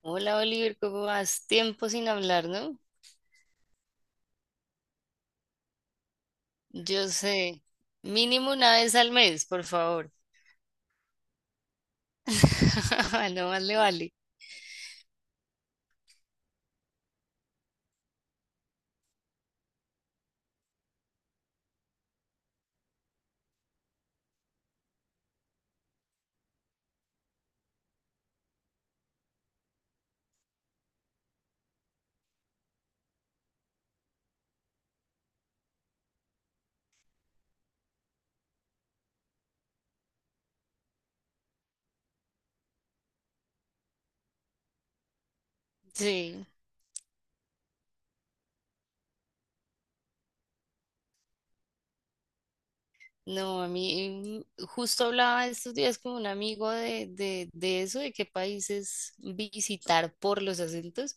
Hola Oliver, ¿cómo vas? Tiempo sin hablar, ¿no? Yo sé, mínimo una vez al mes, por favor. No más le vale. Sí. No, a mí justo hablaba estos días con un amigo de eso, de qué países visitar por los acentos.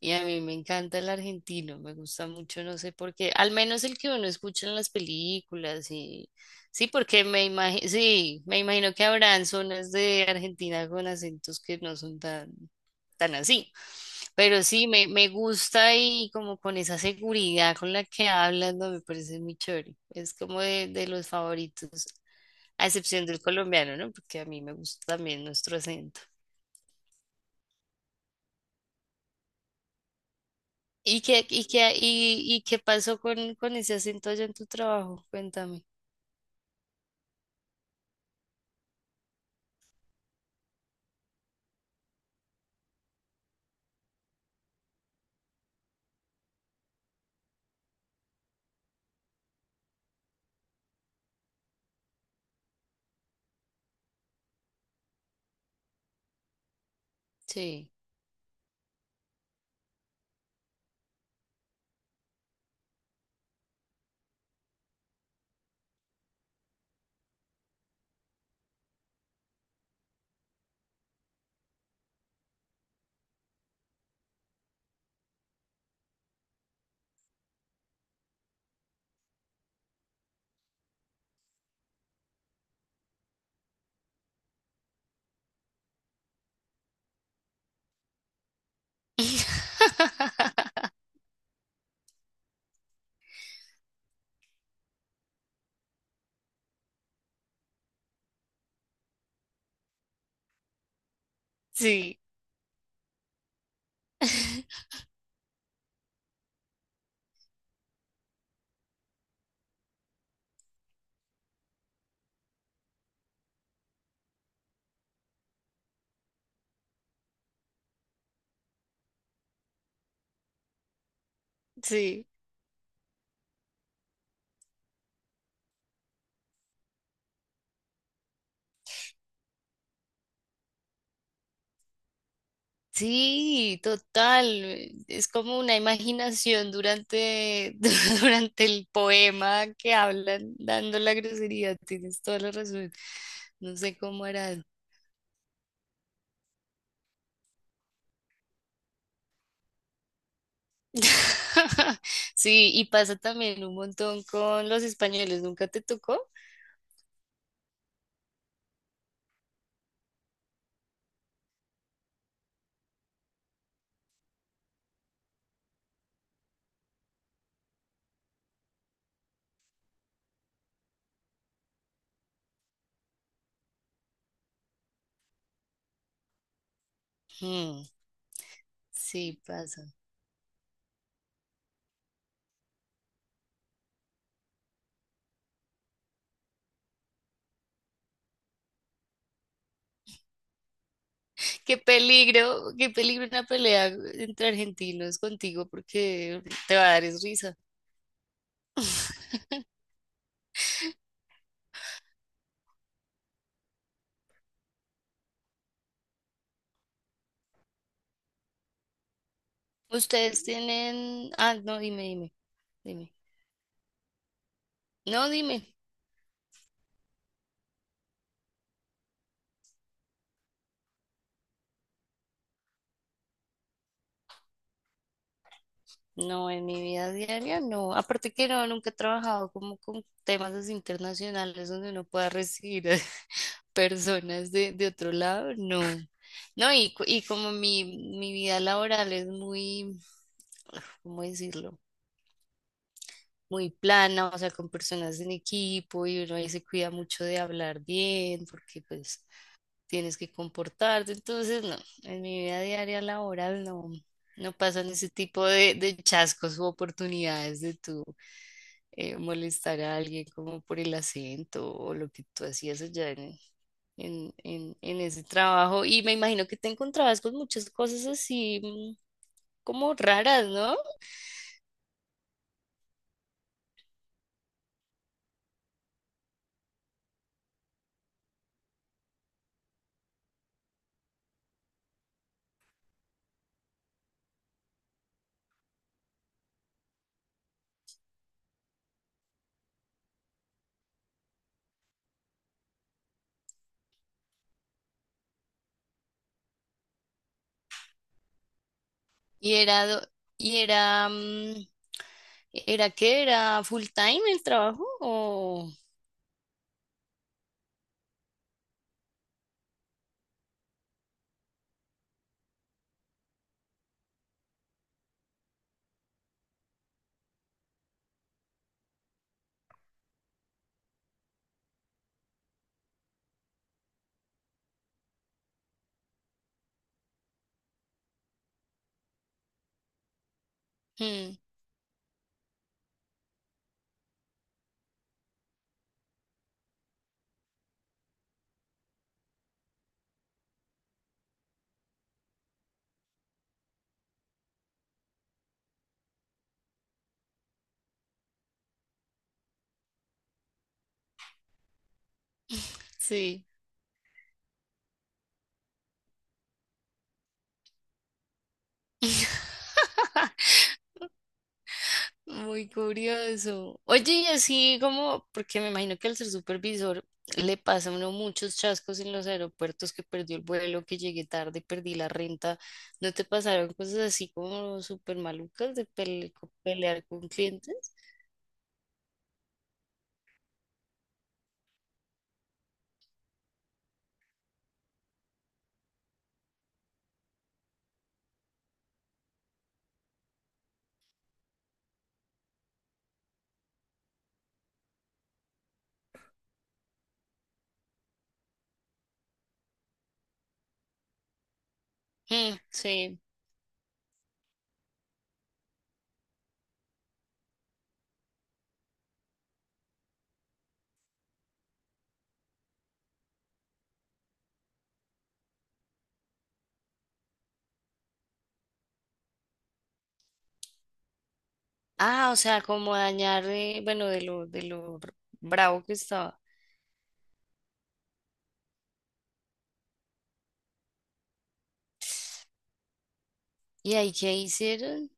Y a mí me encanta el argentino, me gusta mucho, no sé por qué, al menos el que uno escucha en las películas y sí, porque me imagino, sí, me imagino que habrán zonas de Argentina con acentos que no son tan así. Pero sí, me gusta y como con esa seguridad con la que hablas, no me parece muy chévere. Es como de los favoritos, a excepción del colombiano, ¿no? Porque a mí me gusta también nuestro acento. ¿Y qué, y qué, y qué pasó con ese acento allá en tu trabajo? Cuéntame. Sí. Sí, sí. Sí, total. Es como una imaginación durante, durante el poema que hablan dando la grosería. Tienes toda la razón. No sé cómo harán. Sí, y pasa también un montón con los españoles. ¿Nunca te tocó? Mm, sí, pasa. Qué peligro una pelea entre argentinos contigo porque te va a dar es risa. Ustedes tienen... Ah, no, dime, dime, dime. No, dime. No, en mi vida diaria no. Aparte que no, nunca he trabajado como con temas así internacionales donde uno pueda recibir personas de otro lado, no. No, y, co- y como mi vida laboral es muy, ¿cómo decirlo? Muy plana, o sea, con personas en equipo y uno ahí se cuida mucho de hablar bien, porque pues tienes que comportarte. Entonces, no, en mi vida diaria laboral no, no pasan ese tipo de chascos u oportunidades de tú molestar a alguien como por el acento o lo que tú hacías allá en, en ese trabajo. Y me imagino que te encontrabas con muchas cosas así como raras, ¿no? Y era, do- y era, ¿era qué? ¿Era full time el trabajo? O... Mm, sí. Muy curioso. Oye, y así como, porque me imagino que al ser supervisor le pasa a uno muchos chascos en los aeropuertos, que perdió el vuelo, que llegué tarde, perdí la renta. ¿No te pasaron cosas así como súper malucas de pele- co- pelear con clientes? Mm, sí. Ah, o sea, como dañar, bueno, de lo r- bravo que estaba. ¿Y ahí qué hicieron?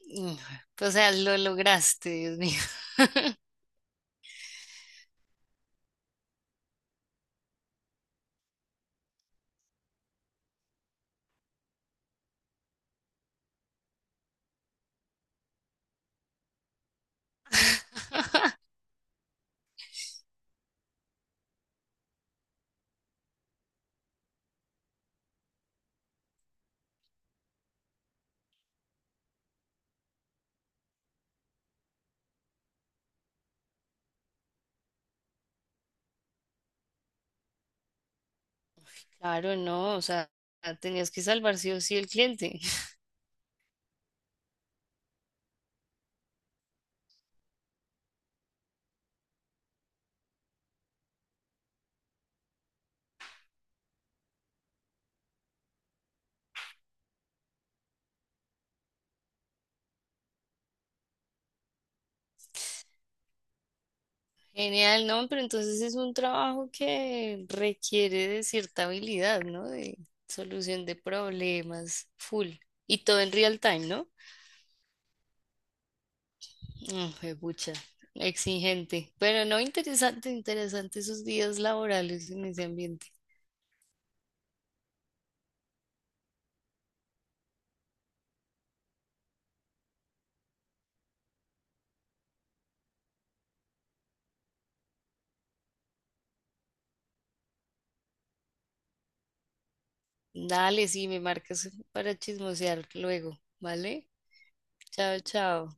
Mm. O sea, lo lograste, Dios mío. Claro, no, o sea, tenías que salvar sí o sí el cliente. Genial, ¿no? Pero entonces es un trabajo que requiere de cierta habilidad, ¿no? De solución de problemas, full. Y todo en real time, ¿no? Mm, pucha, exigente. Pero no, interesante, interesante esos días laborales en ese ambiente. Dale, sí, me marcas para chismosear luego, ¿vale? Chao, chao.